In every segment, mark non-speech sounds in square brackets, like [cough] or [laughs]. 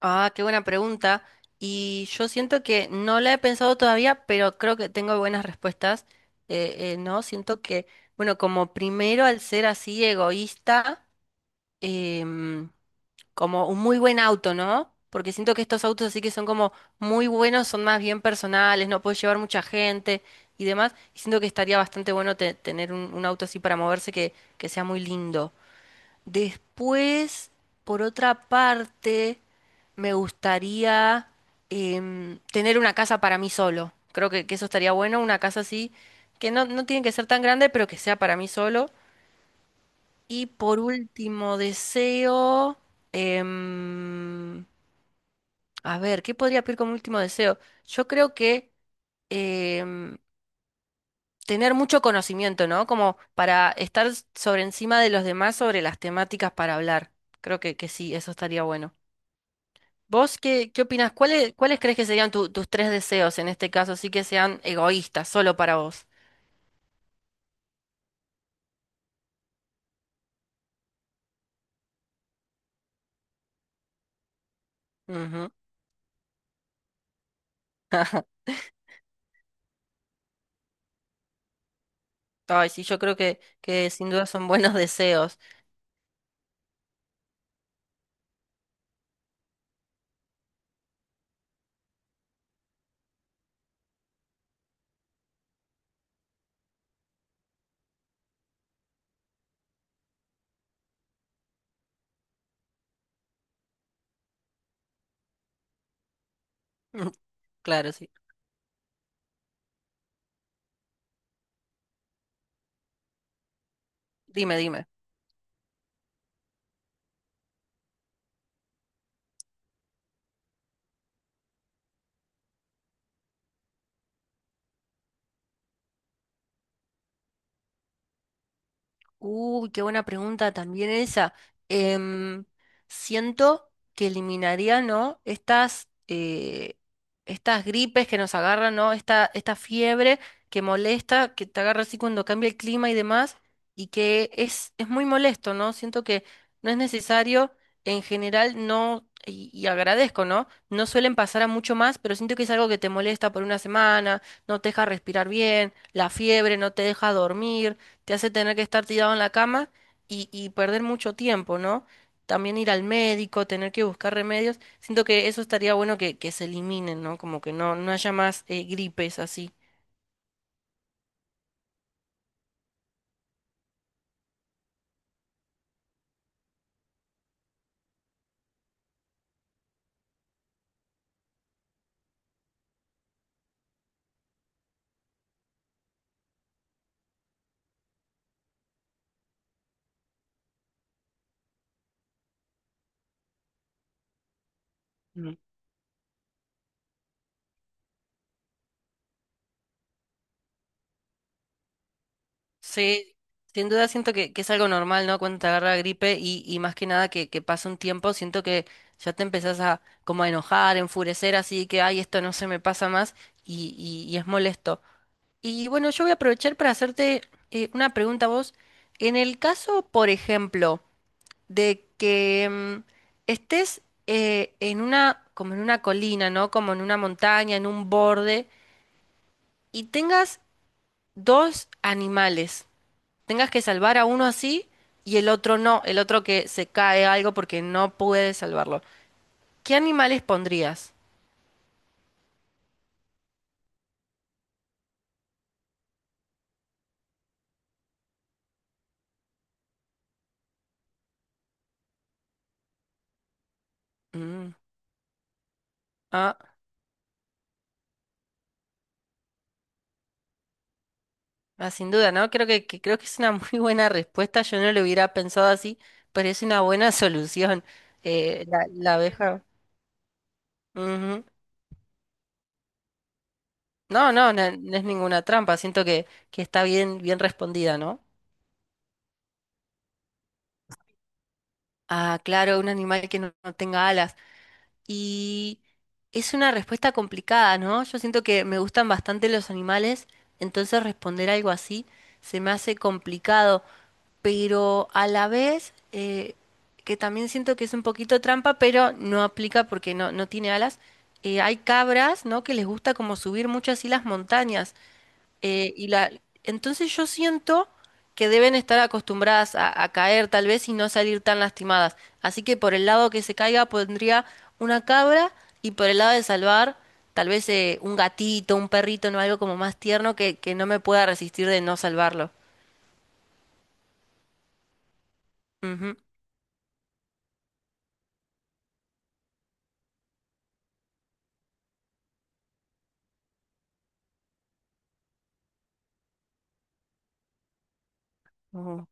Ah, qué buena pregunta. Y yo siento que no la he pensado todavía, pero creo que tengo buenas respuestas. No, siento que, bueno, como primero al ser así egoísta, em, como un muy buen auto, ¿no? Porque siento que estos autos así que son como muy buenos, son más bien personales, no puedes llevar mucha gente y demás. Y siento que estaría bastante bueno tener un auto así para moverse que sea muy lindo. Después, por otra parte, me gustaría tener una casa para mí solo. Creo que eso estaría bueno, una casa así, que no tiene que ser tan grande, pero que sea para mí solo. Y por último deseo, em, a ver, ¿qué podría pedir como último deseo? Yo creo que em, tener mucho conocimiento, ¿no? Como para estar sobre encima de los demás sobre las temáticas para hablar. Creo que sí, eso estaría bueno. ¿Vos qué opinás? ¿Cuáles crees que serían tus tres deseos en este caso? Así que sean egoístas, solo para vos. Ujú. [laughs] Ay, sí, yo creo que sin duda son buenos deseos. [laughs] Claro, sí. Dime, dime. Uy, qué buena pregunta también esa. Em, Siento que eliminaría, ¿no? Estas gripes que nos agarran, ¿no? Esta fiebre que molesta, que te agarra así cuando cambia el clima y demás, y que es muy molesto, ¿no? Siento que no es necesario, en general, no, y agradezco, ¿no? No suelen pasar a mucho más, pero siento que es algo que te molesta por una semana, no te deja respirar bien, la fiebre no te deja dormir, te hace tener que estar tirado en la cama y perder mucho tiempo, ¿no? También ir al médico, tener que buscar remedios. Siento que eso estaría bueno que se eliminen, ¿no? Como que no haya más gripes así. Mm. Sí, sin duda siento que es algo normal, ¿no? Cuando te agarra gripe y más que nada que pasa un tiempo, siento que ya te empezás a como a enojar, enfurecer, así que, ay, esto no se me pasa más y es molesto. Y bueno, yo voy a aprovechar para hacerte una pregunta a vos. En el caso, por ejemplo, de que estés como en una colina, ¿no? Como en una montaña, en un borde, y tengas dos animales, tengas que salvar a uno así y el otro no, el otro que se cae algo porque no puedes salvarlo. ¿Qué animales pondrías? Mm. Ah. Ah, sin duda, ¿no? Creo creo que es una [laughs] muy buena respuesta. Yo no lo hubiera pensado así, pero es una buena [laughs] solución. La abeja. Ujú. No, no, no, no es ninguna trampa. Siento que está bien, bien respondida, ¿no? Ah, claro, un animal que no tenga alas. Y es una respuesta complicada, ¿no? Yo siento que me gustan bastante los animales, entonces responder algo así se me hace complicado. Pero a la vez que también siento que es un poquito trampa, pero no aplica porque no tiene alas. Hay cabras, ¿no? Que les gusta como subir muchas y las montañas. eh, y la, entonces yo siento que deben estar acostumbradas a caer tal vez y no salir tan lastimadas. Así que por el lado que se caiga pondría una cabra y por el lado de salvar tal vez un gatito, un perrito, no algo como más tierno que no me pueda resistir de no salvarlo. Ujú. Ujú,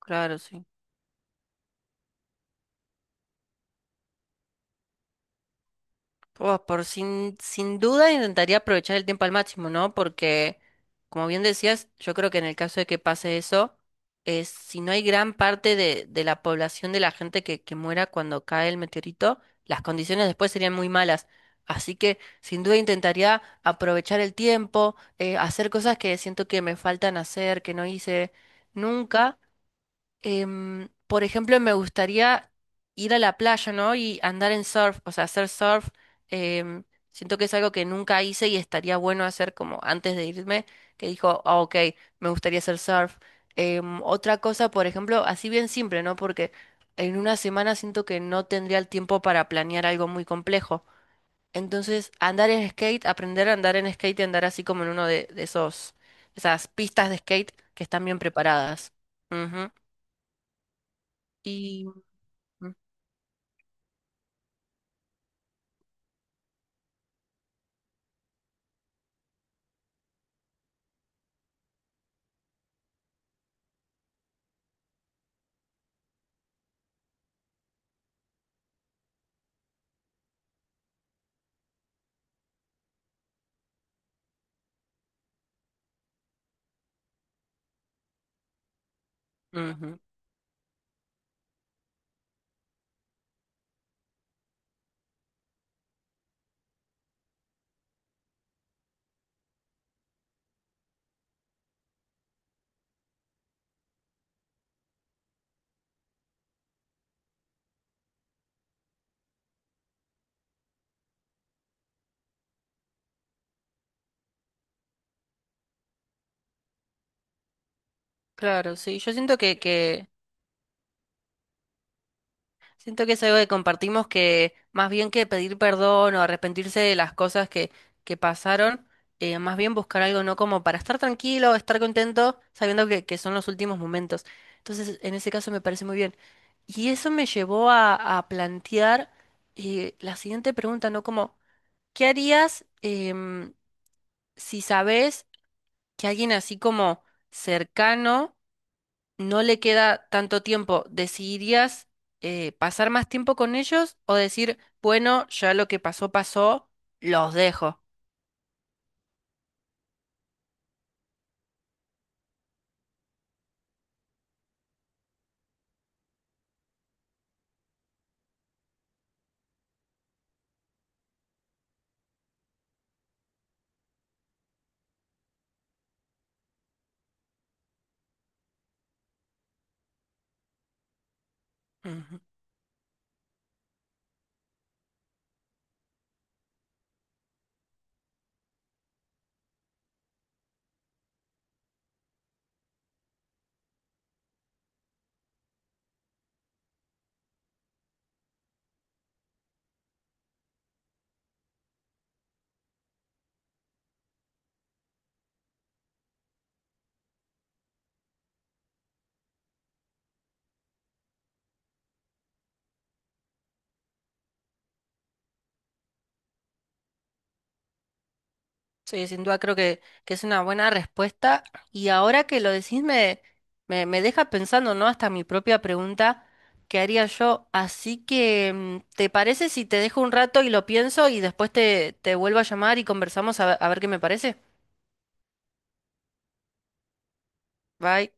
claro, sí. Pues por sin, sin duda intentaría aprovechar el tiempo al máximo, ¿no? Porque, como bien decías, yo creo que en el caso de que pase eso, si no hay gran parte de la población de la gente que muera cuando cae el meteorito, las condiciones después serían muy malas. Así que, sin duda, intentaría aprovechar el tiempo, hacer cosas que siento que me faltan hacer, que no hice Mm. nunca. Por ejemplo, me gustaría ir a la playa, ¿no? Y andar en surf, o sea, hacer surf. em, Siento que es algo que nunca hice y estaría bueno hacer como antes de irme, que dijo, "Ah, ok, me gustaría hacer surf. Otra cosa, por ejemplo, así bien simple, ¿no? Porque en una semana siento que no tendría el tiempo para planear algo muy complejo. Entonces, andar en skate, aprender a andar en skate y andar así como en uno de esos, esas pistas de skate que están bien preparadas. Ujú. Y. Mm. Ujú. Claro, sí. Yo siento que Siento que es algo que compartimos, que más bien que pedir perdón o arrepentirse de las cosas que pasaron, más bien buscar algo no como para estar tranquilo, estar contento, sabiendo que son los últimos momentos. Entonces, en ese caso me parece muy bien. Y eso me llevó a plantear la siguiente pregunta, ¿no? Como, ¿qué harías em, si sabes que alguien así como cercano no le queda tanto tiempo, decidirías pasar más tiempo con ellos o decir, bueno, ya lo que pasó, pasó, los dejo? Ujú. Sí, sin duda creo que es una buena respuesta. Y ahora que lo decís, me deja pensando, ¿no? Hasta mi propia pregunta, ¿qué haría yo? Así que, ¿te parece si te dejo un rato y lo pienso y después te vuelvo a llamar y conversamos a ver qué me parece? Bye.